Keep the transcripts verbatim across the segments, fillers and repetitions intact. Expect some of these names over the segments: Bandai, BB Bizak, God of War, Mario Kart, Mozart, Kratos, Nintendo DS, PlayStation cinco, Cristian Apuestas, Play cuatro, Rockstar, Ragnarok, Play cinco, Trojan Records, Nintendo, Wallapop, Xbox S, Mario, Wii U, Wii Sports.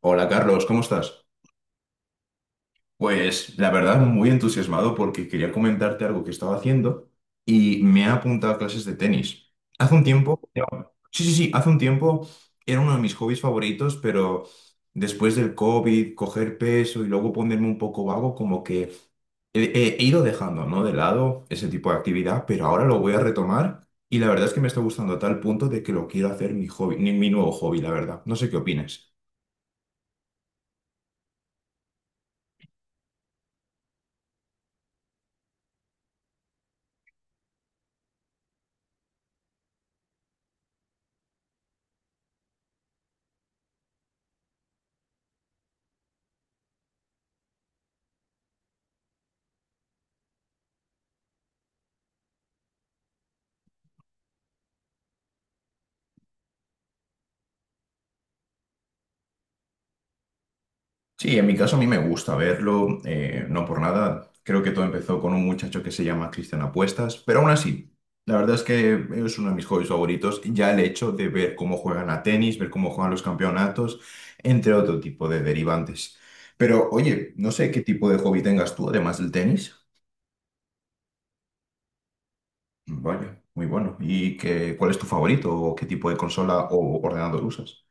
Hola Carlos, ¿cómo estás? Pues la verdad muy entusiasmado porque quería comentarte algo que estaba haciendo y me he apuntado a clases de tenis. Hace un tiempo, sí, sí, sí, hace un tiempo era uno de mis hobbies favoritos, pero después del COVID, coger peso y luego ponerme un poco vago, como que he, he- he ido dejando, ¿no?, de lado ese tipo de actividad, pero ahora lo voy a retomar y la verdad es que me está gustando a tal punto de que lo quiero hacer mi hobby, mi mi nuevo hobby, la verdad. No sé qué opinas. Sí, en mi caso a mí me gusta verlo, eh, no por nada. Creo que todo empezó con un muchacho que se llama Cristian Apuestas, pero aún así, la verdad es que es uno de mis hobbies favoritos. Ya el hecho de ver cómo juegan a tenis, ver cómo juegan los campeonatos, entre otro tipo de derivantes. Pero oye, no sé qué tipo de hobby tengas tú, además del tenis. Vaya, muy bueno. ¿Y qué, cuál es tu favorito o qué tipo de consola o ordenador usas?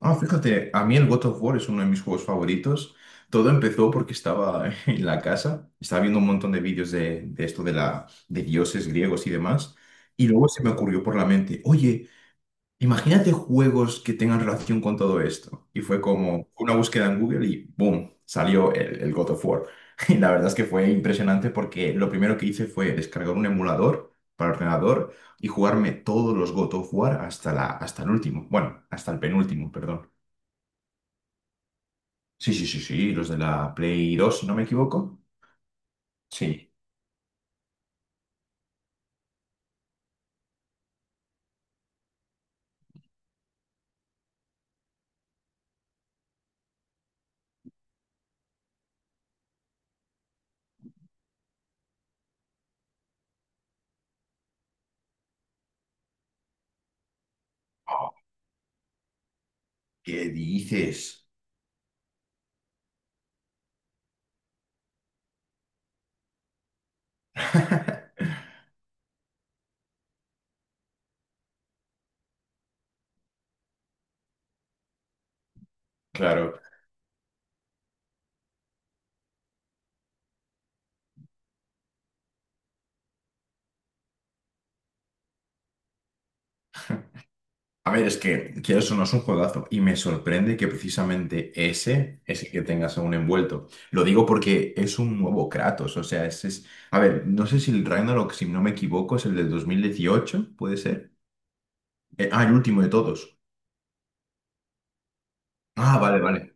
Ah, fíjate, a mí el God of War es uno de mis juegos favoritos. Todo empezó porque estaba en la casa, estaba viendo un montón de vídeos de, de esto de la, de dioses griegos y demás, y luego se me ocurrió por la mente, oye, imagínate juegos que tengan relación con todo esto. Y fue como una búsqueda en Google y ¡boom!, salió el, el God of War. Y la verdad es que fue impresionante porque lo primero que hice fue descargar un emulador para ordenador y jugarme todos los God of War hasta la, hasta el último, bueno, hasta el penúltimo, perdón. Sí, sí, sí, sí, los de la Play dos si no me equivoco. Sí. Oh, ¿qué dices? Claro. A ver, es que quieras o no es un juegazo y me sorprende que precisamente ese es el que tengas aún envuelto. Lo digo porque es un nuevo Kratos, o sea, ese es... A ver, no sé si el Ragnarok, si no me equivoco, es el del dos mil dieciocho, ¿puede ser? Eh, ah, el último de todos. Ah, vale, vale.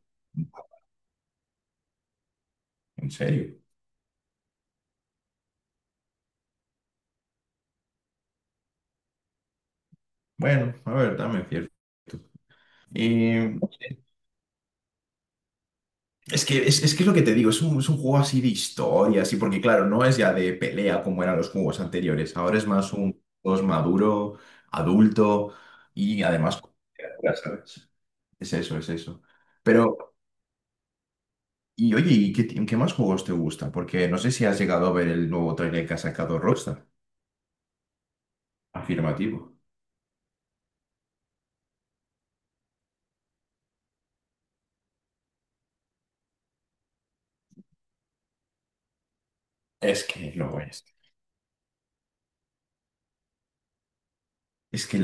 ¿En serio? Bueno, a ver, también es cierto. Es que es, es que es lo que te digo, es un, es un juego así de historia, así, porque claro, no es ya de pelea como eran los juegos anteriores, ahora es más un juego maduro, adulto y además con criaturas, ¿sabes? Es eso, es eso. Pero, y oye, ¿y qué, ti- qué más juegos te gustan? Porque no sé si has llegado a ver el nuevo trailer que ha sacado Rockstar. Afirmativo. Es que lo es. Es que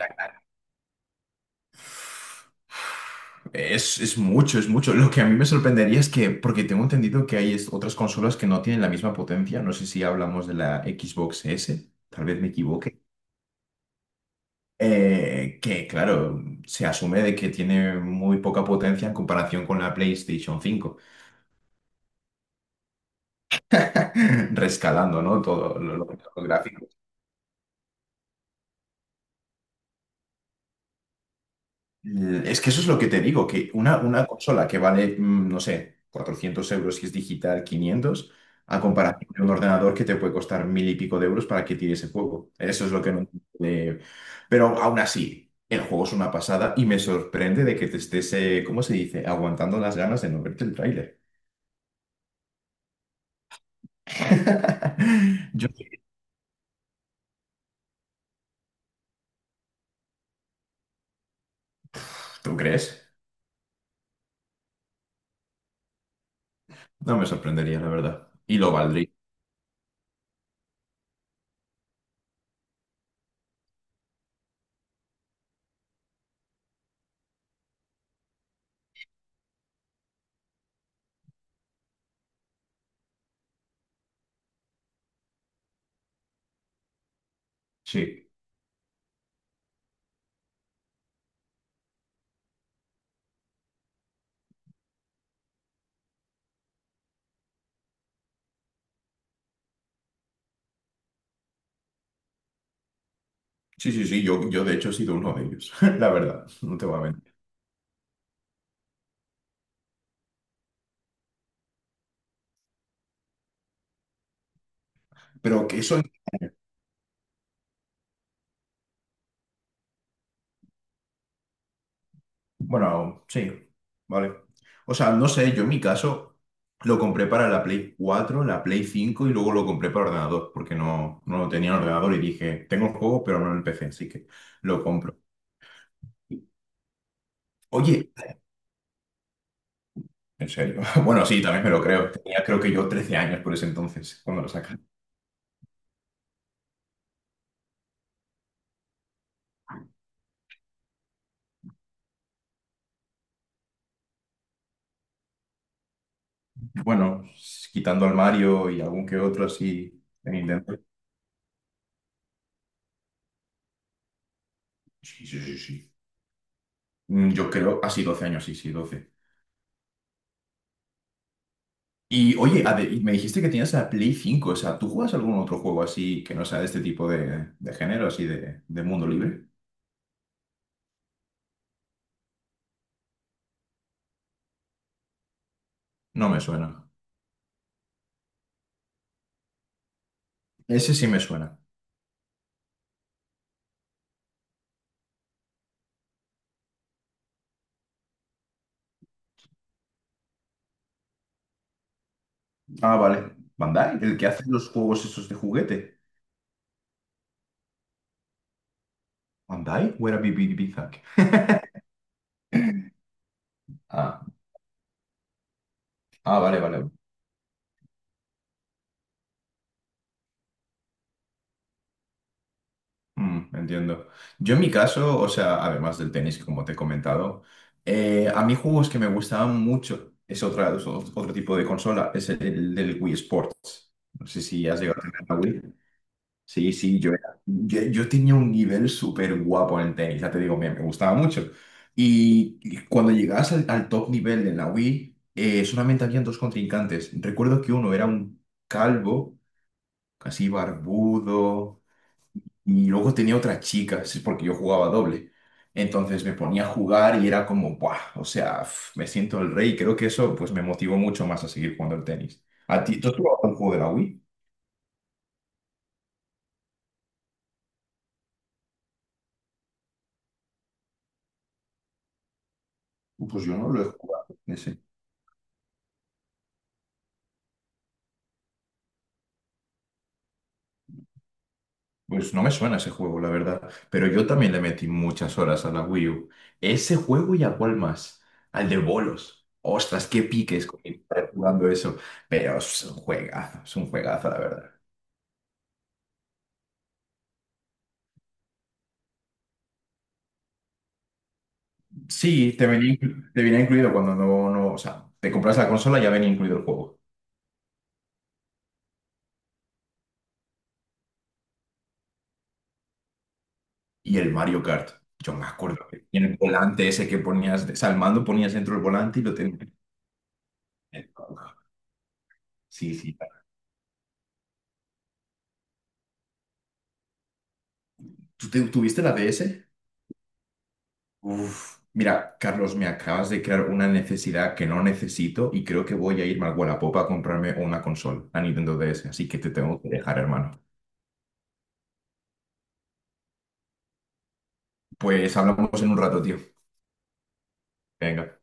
Es, es mucho, es mucho. Lo que a mí me sorprendería es que, porque tengo entendido que hay es- otras consolas que no tienen la misma potencia, no sé si hablamos de la Xbox S, tal vez me equivoque, eh, que claro, se asume de que tiene muy poca potencia en comparación con la PlayStation cinco rescalando, ¿no?, Todo lo, lo gráfico. Mm, Es que eso es lo que te digo, que una, una consola que vale, mm, no sé, cuatrocientos euros si es digital, quinientos, a comparación de un ordenador que te puede costar mil y pico de euros para que tire ese juego. Eso es lo que no... eh, Pero aún así, el juego es una pasada y me sorprende de que te estés, eh, ¿cómo se dice?, aguantando las ganas de no verte el tráiler. Yo- ¿Tú crees? No me sorprendería, la verdad. Y lo valdría. Sí, sí, sí, sí, yo, yo de hecho he sido uno de ellos, la verdad, no te voy a mentir. Pero que eso Bueno, sí, vale. O sea, no sé, yo en mi caso lo compré para la Play cuatro, la Play cinco y luego lo compré para ordenador, porque no, no lo tenía en ordenador y dije, tengo el juego, pero no en el P C, así que lo compro. Oye, en serio. Bueno, sí, también me lo creo. Tenía creo que yo trece años por ese entonces, cuando lo sacaron. Bueno, quitando al Mario y algún que otro así de Nintendo. Sí, sí, sí, sí. Mm, Yo creo, así doce años, sí, sí, doce. Y oye, ade- y me dijiste que tenías la Play cinco, o sea, ¿tú juegas algún otro juego así que no sea de este tipo de, de género, así de, de mundo libre? No me suena. Ese sí me suena. Ah, vale. ¿Bandai? ¿El que hace los juegos esos de juguete? ¿Bandai? ¿O era B B Bizak? Ah, ah, vale, vale. Mm, entiendo. Yo en mi caso, o sea, además del tenis, como te he comentado, eh, a mí juegos que me gustaban mucho, es otra, es otro tipo de consola, es el, el del Wii Sports. No sé si has llegado a tener la Wii. Sí, sí, yo, era- yo, yo tenía un nivel súper guapo en el tenis, ya te digo, me, me gustaba mucho. Y, y cuando llegabas al, al top nivel en la Wii, eh, solamente habían dos contrincantes. Recuerdo que uno era un calvo, casi barbudo, y luego tenía otra chica, es porque yo jugaba doble. Entonces me ponía a jugar y era como, ¡buah! O sea, f- me siento el rey. Creo que eso pues me motivó mucho más a seguir jugando al tenis. ¿A ti, tú has jugado un juego de la Wii? Pues yo no lo he jugado. Pues no me suena ese juego, la verdad. Pero yo también le metí muchas horas a la Wii U. Ese juego y a cuál más. Al de bolos. Ostras, qué piques con mi padre jugando eso. Pero es un juegazo, es un juegazo, la verdad. Sí, te venía, inclu- te venía incluido cuando no, no, o sea, te compras la consola, ya venía incluido el juego. Y el Mario Kart. Yo me acuerdo que en el volante ese que ponías, o sea, el mando ponías dentro del volante y lo tenías. Sí, sí. ¿Tú te- tuviste la D S? Uf, mira, Carlos, me acabas de crear una necesidad que no necesito y creo que voy a irme al Wallapop a comprarme una consola, la Nintendo D S, así que te tengo que dejar, hermano. Pues hablamos en un rato, tío. Venga.